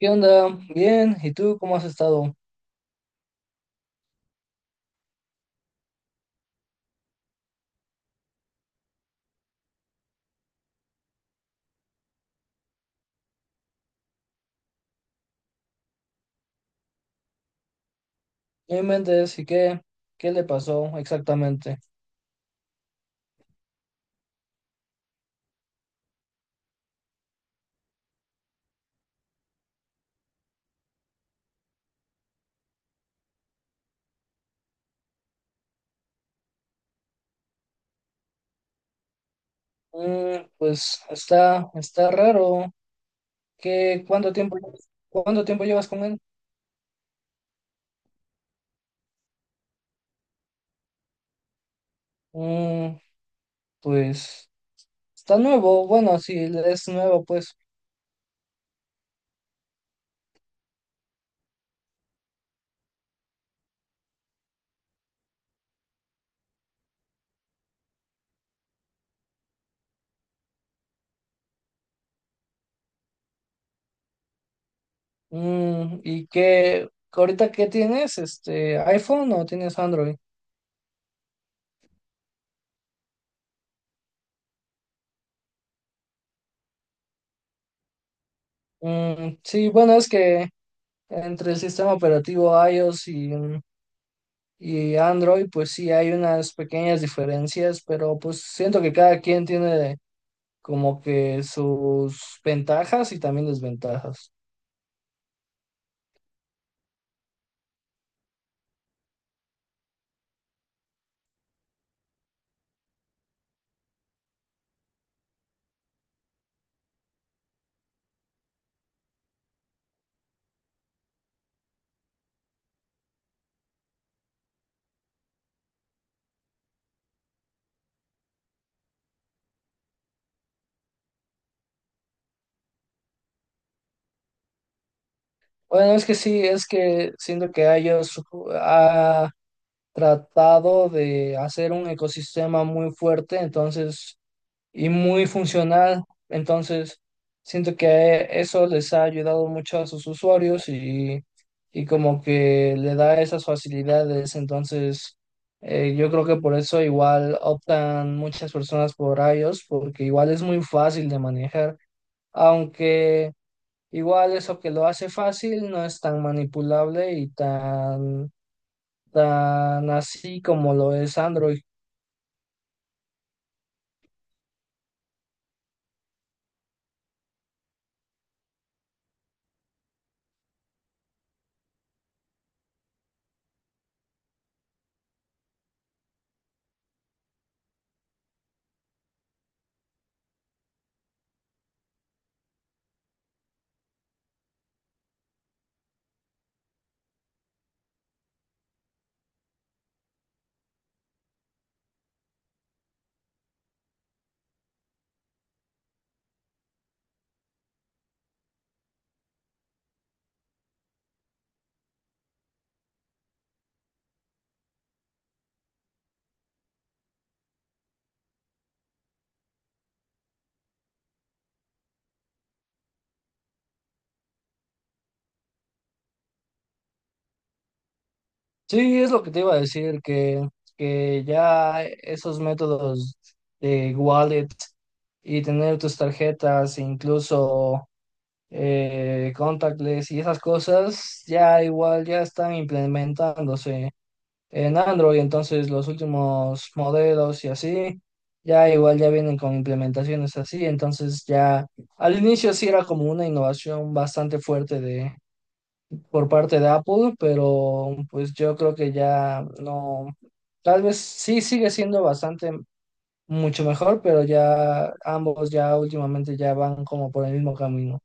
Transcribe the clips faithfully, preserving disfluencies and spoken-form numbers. ¿Qué onda? Bien, ¿y tú cómo has estado? No inventes, ¿y qué? ¿Qué le pasó exactamente? Mm, pues está, está raro. ¿Qué, cuánto tiempo, llevas- Cuánto tiempo llevas con él? Mm, pues está nuevo, bueno, sí, es nuevo, pues. Mm, ¿y qué, ahorita qué tienes? Este, ¿iPhone o tienes Android? Mm, sí, bueno, es que entre el sistema operativo iOS y mm, y Android, pues sí, hay unas pequeñas diferencias, pero pues siento que cada quien tiene como que sus ventajas y también desventajas. Bueno, es que sí, es que siento que ellos ha tratado de hacer un ecosistema muy fuerte, entonces y muy funcional. Entonces, siento que eso les ha ayudado mucho a sus usuarios y, y como que le da esas facilidades. Entonces, eh, yo creo que por eso igual optan muchas personas por iOS, porque igual es muy fácil de manejar, aunque igual eso que lo hace fácil no es tan manipulable y tan tan así como lo es Android. Sí, es lo que te iba a decir, que, que ya esos métodos de wallet y tener tus tarjetas, incluso eh, contactless y esas cosas, ya igual ya están implementándose en Android. Entonces los últimos modelos y así, ya igual ya vienen con implementaciones así. Entonces ya al inicio sí era como una innovación bastante fuerte por parte de Apple, pero pues yo creo que ya no, tal vez sí sigue siendo bastante mucho mejor, pero ya ambos ya últimamente ya van como por el mismo camino.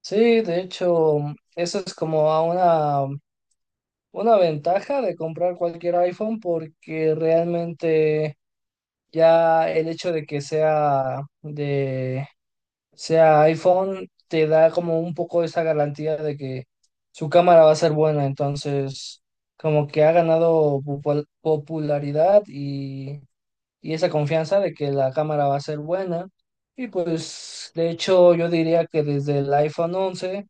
Sí, de hecho, eso es como a una, una ventaja de comprar cualquier iPhone porque realmente ya el hecho de que sea de, o sea, iPhone te da como un poco esa garantía de que su cámara va a ser buena, entonces como que ha ganado popul- popularidad y, y esa confianza de que la cámara va a ser buena. Y pues de hecho yo diría que desde el iPhone once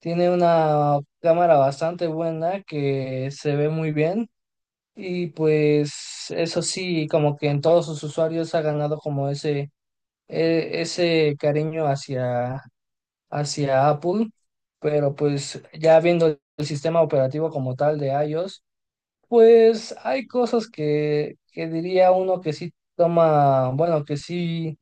tiene una cámara bastante buena que se ve muy bien y pues eso sí, como que en todos sus usuarios ha ganado como ese e- ese cariño hacia hacia Apple, pero pues ya viendo el sistema operativo como tal de iOS, pues hay cosas que, que diría uno que sí toma, bueno, que sí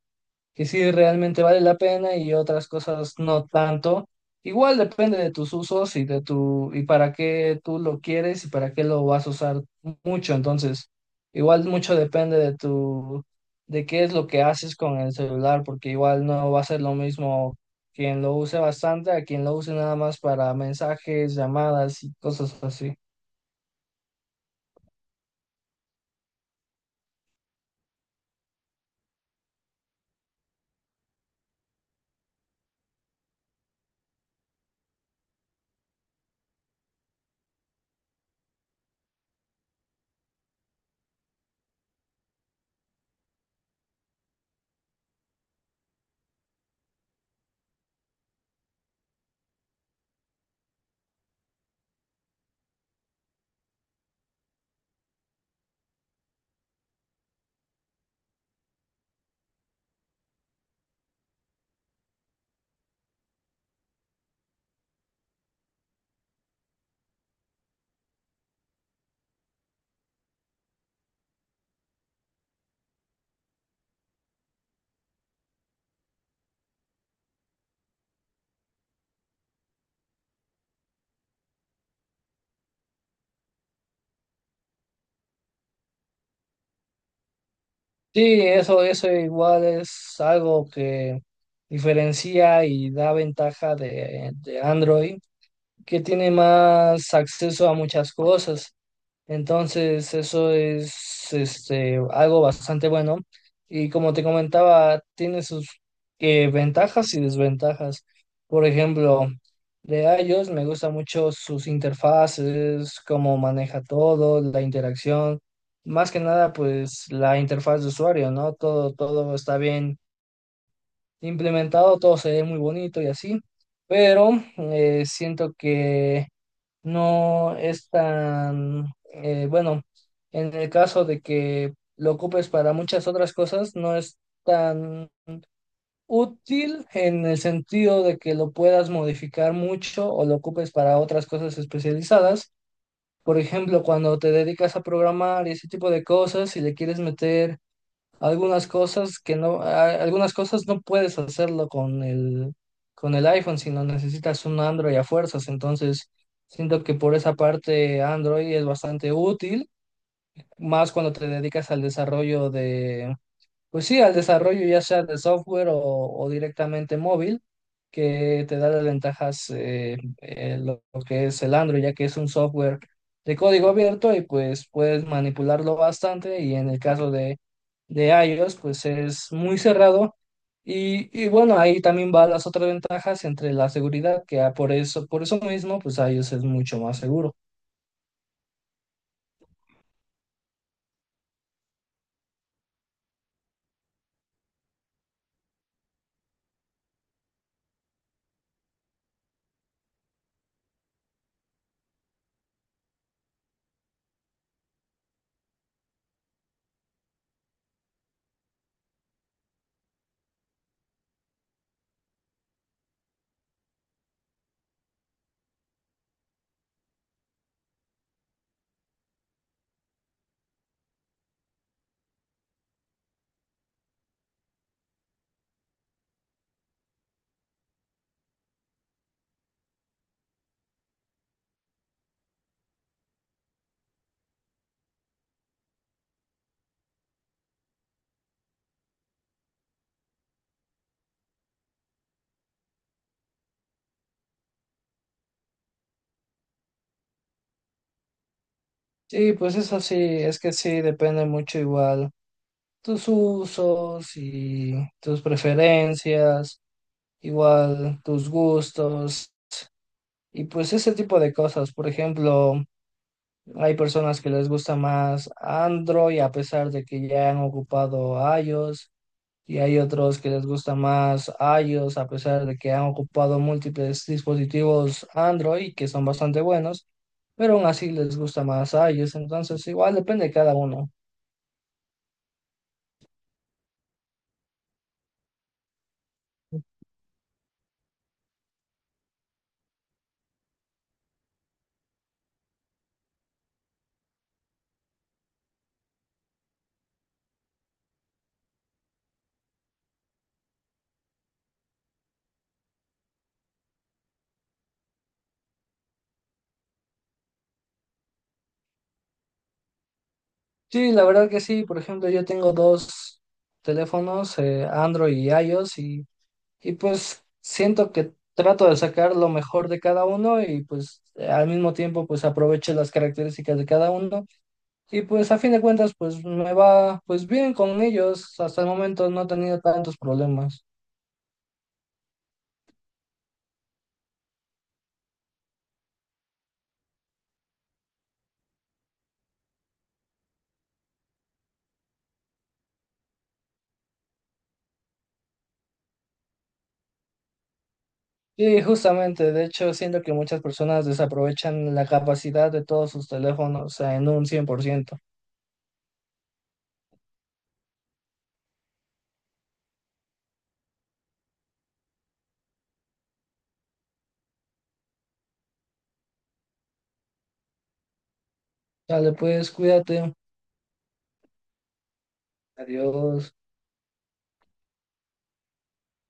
que sí realmente vale la pena y otras cosas no tanto. Igual depende de tus usos y de tu y para qué tú lo quieres y para qué lo vas a usar mucho. Entonces, igual mucho depende de tu de qué es lo que haces con el celular, porque igual no va a ser lo mismo quien lo use bastante a quien lo use nada más para mensajes, llamadas y cosas así. Sí, eso, eso igual es algo que diferencia y da ventaja de, de Android que tiene más acceso a muchas cosas. Entonces, eso es este, algo bastante bueno. Y como te comentaba, tiene sus eh, ventajas y desventajas. Por ejemplo, de iOS me gusta mucho sus interfaces, cómo maneja todo, la interacción. Más que nada, pues la interfaz de usuario, ¿no? Todo, todo está bien implementado, todo se ve muy bonito y así. Pero eh, siento que no es tan, eh, bueno, en el caso de que lo ocupes para muchas otras cosas, no es tan útil en el sentido de que lo puedas modificar mucho o lo ocupes para otras cosas especializadas. Por ejemplo, cuando te dedicas a programar y ese tipo de cosas, si le quieres meter algunas cosas que no, a- algunas cosas no puedes hacerlo con el, con el iPhone, sino necesitas un Android a fuerzas. Entonces, siento que por esa parte Android es bastante útil, más cuando te dedicas al desarrollo pues sí, al desarrollo ya sea de software o, o directamente móvil, que te da las ventajas eh, eh, lo, lo que es el Android, ya que es un software de código abierto y pues puedes manipularlo bastante y en el caso de, de iOS pues es muy cerrado y, y bueno, ahí también van las otras ventajas entre la seguridad, que ah, por eso, por eso mismo pues iOS es mucho más seguro. Sí, pues eso sí, es que sí, depende mucho igual tus usos y tus preferencias, igual tus gustos y pues ese tipo de cosas. Por ejemplo, hay personas que les gusta más Android a pesar de que ya han ocupado iOS y hay otros que les gusta más iOS a pesar de que han ocupado múltiples dispositivos Android que son bastante buenos, pero aún así les gusta más iOS. Entonces, igual depende de cada uno. Sí, la verdad que sí. Por ejemplo, yo tengo dos teléfonos, eh, Android y iOS, y, y pues siento que trato de sacar lo mejor de cada uno y pues eh, al mismo tiempo pues aprovecho las características de cada uno. Y pues a fin de cuentas pues me va pues bien con ellos. Hasta el momento no he tenido tantos problemas. Sí, justamente, de hecho, siento que muchas personas desaprovechan la capacidad de todos sus teléfonos, o sea, en un cien por ciento. Dale, pues cuídate. Adiós.